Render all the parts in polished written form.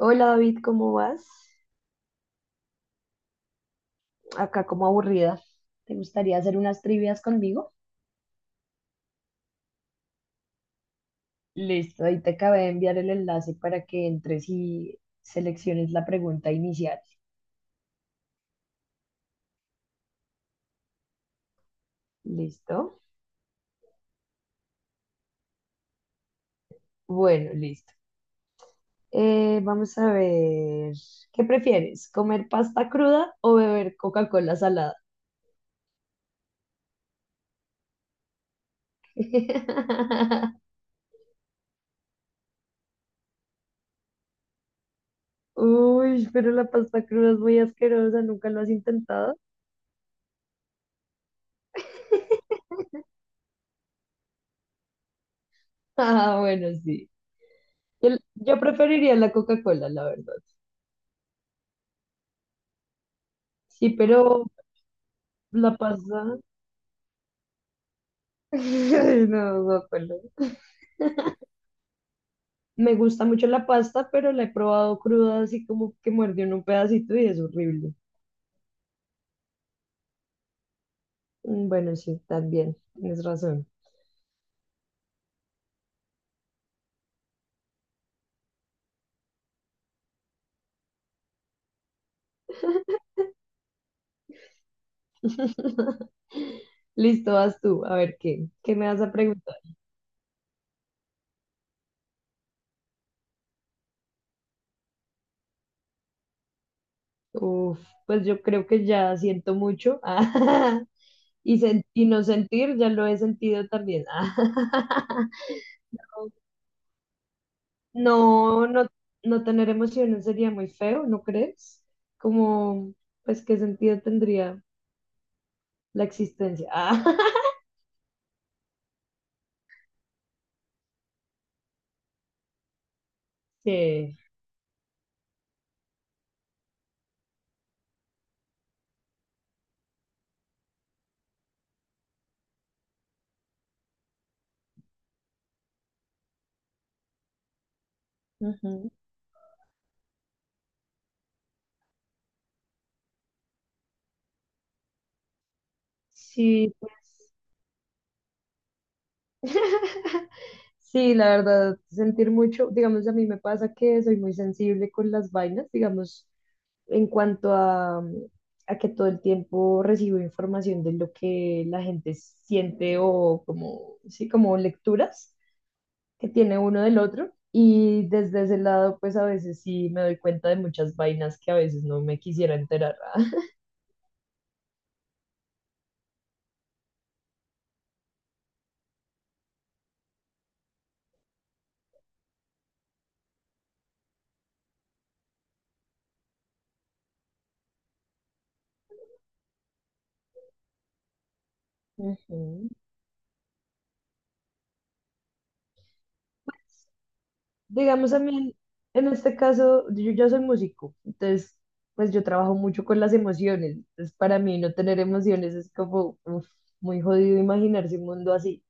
Hola David, ¿cómo vas? Acá como aburrida. ¿Te gustaría hacer unas trivias conmigo? Listo, ahí te acabé de enviar el enlace para que entres y selecciones la pregunta inicial. ¿Listo? Bueno, listo. Vamos a ver, ¿qué prefieres? ¿Comer pasta cruda o beber Coca-Cola salada? Uy, pero la pasta cruda es muy asquerosa, ¿nunca lo has intentado? Ah, bueno, sí. Yo, yo preferiría la Coca-Cola, la verdad. Sí, pero la pasta. Ay, no, guácala. Me gusta mucho la pasta, pero la he probado cruda, así como que muerde uno un pedacito y es horrible. Bueno, sí, también, tienes razón. Listo, vas tú. A ver, ¿qué? ¿Qué me vas a preguntar? Uf, pues yo creo que ya siento mucho. Ah, Y no sentir, ya lo he sentido también. Ah, no, no, no tener emociones sería muy feo, ¿no crees? Como, pues, ¿qué sentido tendría la existencia? Ah, sí. Ujú. Sí, pues, sí, la verdad, sentir mucho, digamos, a mí me pasa que soy muy sensible con las vainas, digamos, en cuanto a que todo el tiempo recibo información de lo que la gente siente o como, sí, como lecturas que tiene uno del otro. Y desde ese lado, pues a veces sí me doy cuenta de muchas vainas que a veces no me quisiera enterar. Ujú. Digamos, a mí en este caso, yo ya soy músico, entonces, pues yo trabajo mucho con las emociones. Entonces, para mí no tener emociones es como uf, muy jodido imaginarse un mundo así.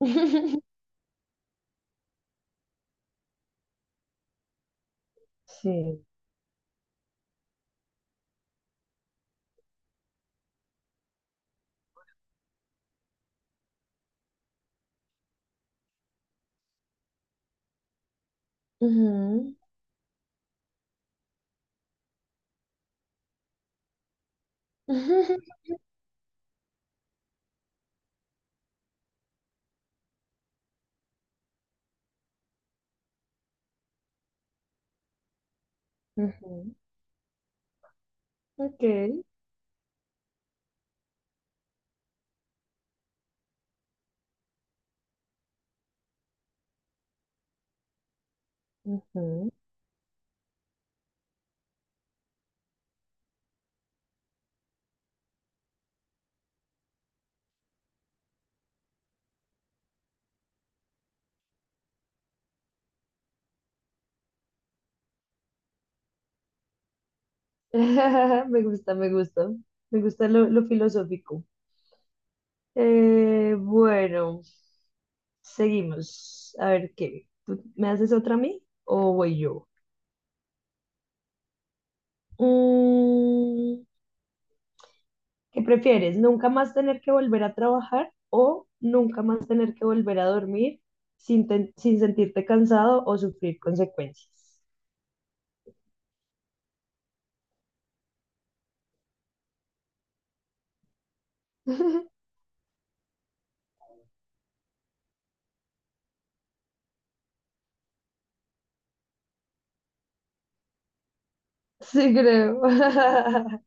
Sí. Ujú. Ujú. Ok. Ujú. Me gusta, me gusta. Me gusta lo filosófico. Bueno, seguimos. A ver, ¿qué? ¿Tú me haces otra a mí o voy yo? Mm, ¿Qué prefieres? ¿Nunca más tener que volver a trabajar o nunca más tener que volver a dormir sin, ten- sin sentirte cansado o sufrir consecuencias? Sí, creo.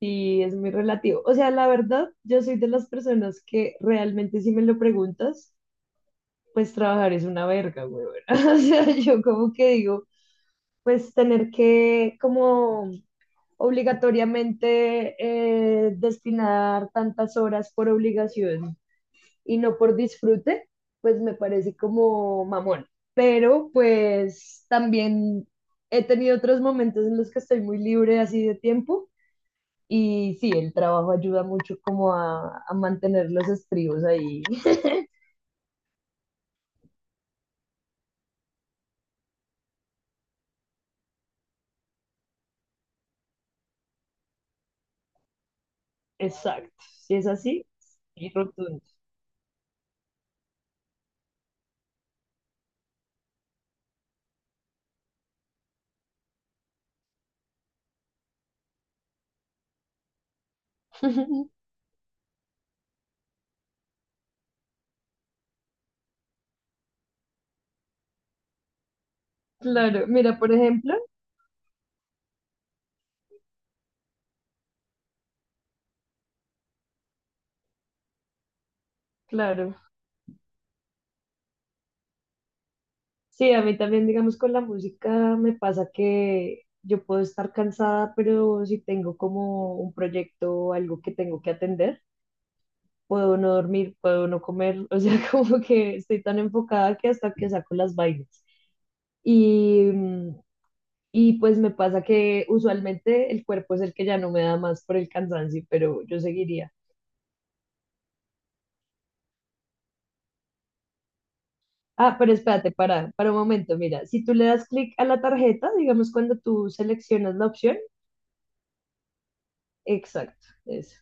Sí, es muy relativo. O sea, la verdad, yo soy de las personas que realmente si me lo preguntas, pues trabajar es una verga, güey. O sea, yo como que digo... pues tener que como obligatoriamente destinar tantas horas por obligación y no por disfrute, pues me parece como mamón. Pero pues también he tenido otros momentos en los que estoy muy libre así de tiempo y sí, el trabajo ayuda mucho como a mantener los estribos ahí. Exacto, si es así, y rotundo. Claro, mira, por ejemplo, claro, sí, a mí también, digamos, con la música me pasa que yo puedo estar cansada, pero si tengo como un proyecto o algo que tengo que atender, puedo no dormir, puedo no comer, o sea, como que estoy tan enfocada que hasta que saco las vainas. Y, mm, y pues me pasa que usualmente el cuerpo es el que ya no me da más por el cansancio, pero yo seguiría. Ah, pero espérate, para un momento, mira, si tú le das clic a la tarjeta, digamos, cuando tú seleccionas la opción, exacto, eso.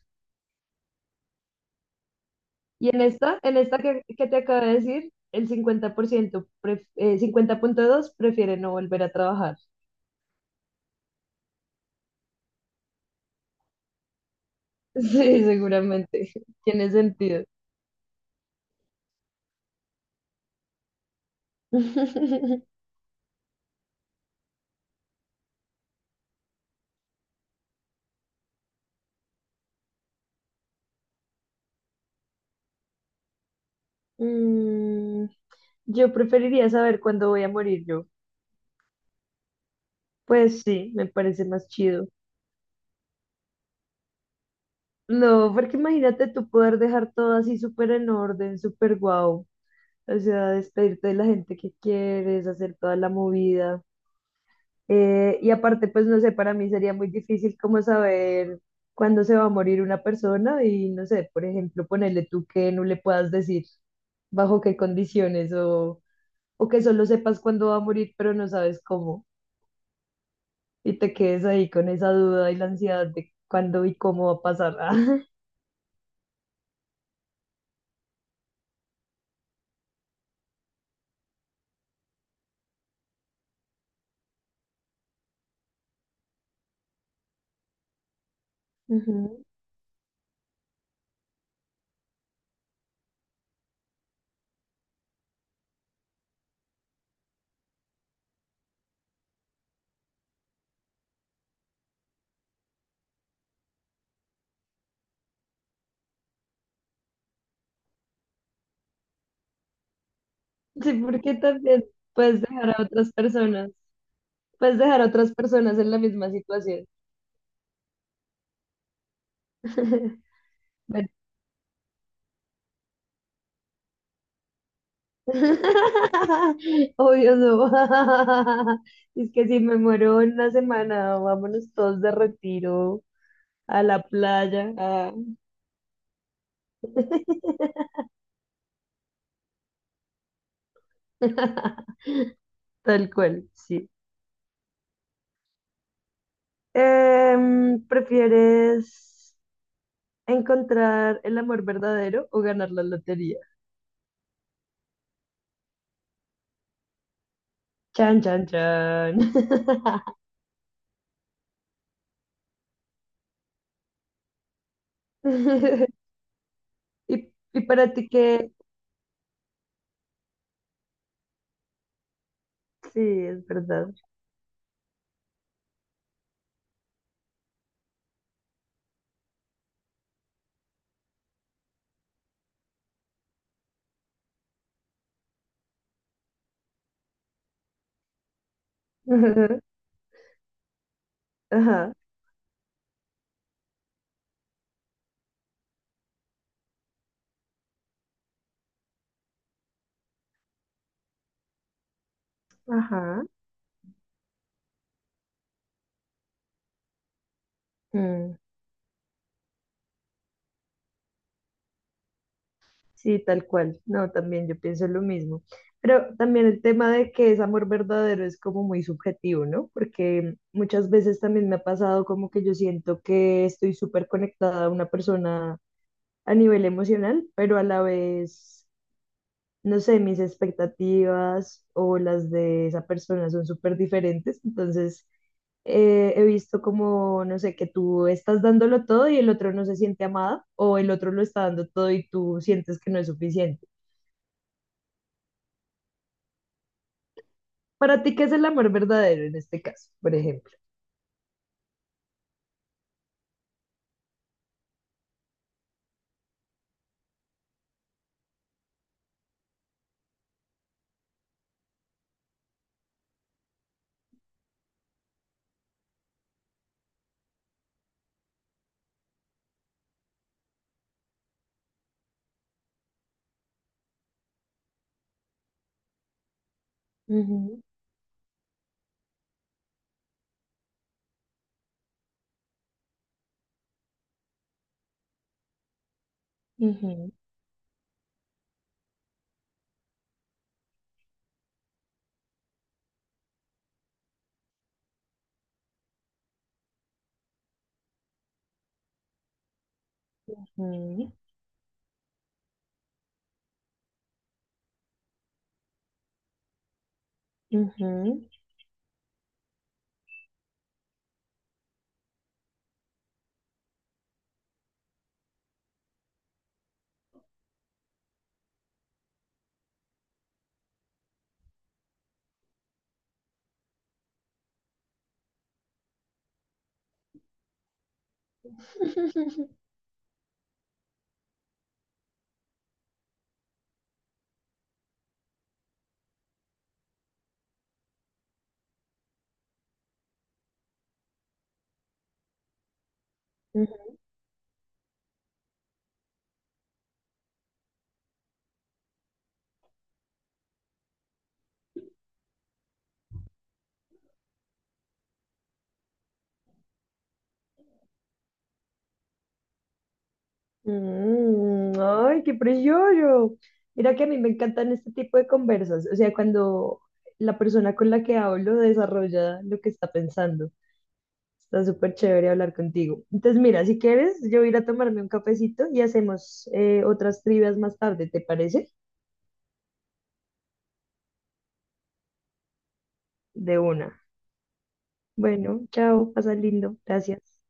Y en esta que te acabo de decir, el 50%, 50,2, prefiere no volver a trabajar. Sí, seguramente. Tiene sentido. Mm, yo preferiría saber cuándo voy a morir yo. Pues sí, me parece más chido. No, porque imagínate tú poder dejar todo así súper en orden, súper guau. O sea, despedirte de la gente que quieres, hacer toda la movida. Y aparte, pues no sé, para mí sería muy difícil como saber cuándo se va a morir una persona y no sé, por ejemplo, ponerle tú que no le puedas decir bajo qué condiciones o que solo sepas cuándo va a morir, pero no sabes cómo y te quedes ahí con esa duda y la ansiedad de cuándo y cómo va a pasar. Ujú. Sí, porque también puedes dejar a otras personas, puedes dejar a otras personas en la misma situación. Bueno, obvio no. Es que si me muero en una semana, vámonos todos de retiro a la playa. Ah. Tal cual, sí. ¿Prefieres encontrar el amor verdadero o ganar la lotería? Chan, chan, chan. ¿Y para ti qué? Sí, es verdad. Ajá, ajá. Mm. Sí, tal cual. No, también yo pienso lo mismo. Pero también el tema de que es amor verdadero es como muy subjetivo, ¿no? Porque muchas veces también me ha pasado como que yo siento que estoy súper conectada a una persona a nivel emocional, pero a la vez, no sé, mis expectativas o las de esa persona son súper diferentes. Entonces, he visto como, no sé, que tú estás dándolo todo y el otro no se siente amada o el otro lo está dando todo y tú sientes que no es suficiente. Para ti, ¿qué es el amor verdadero en este caso, por ejemplo? Ujú, ujú, ujú, ujú. Ay, qué precioso. Mira que a mí me encantan este tipo de conversas. O sea, cuando la persona con la que hablo desarrolla lo que está pensando. Está súper chévere hablar contigo. Entonces, mira, si quieres, yo voy a ir a tomarme un cafecito y hacemos otras trivias más tarde, ¿te parece? De una. Bueno, chao, pasa lindo. Gracias.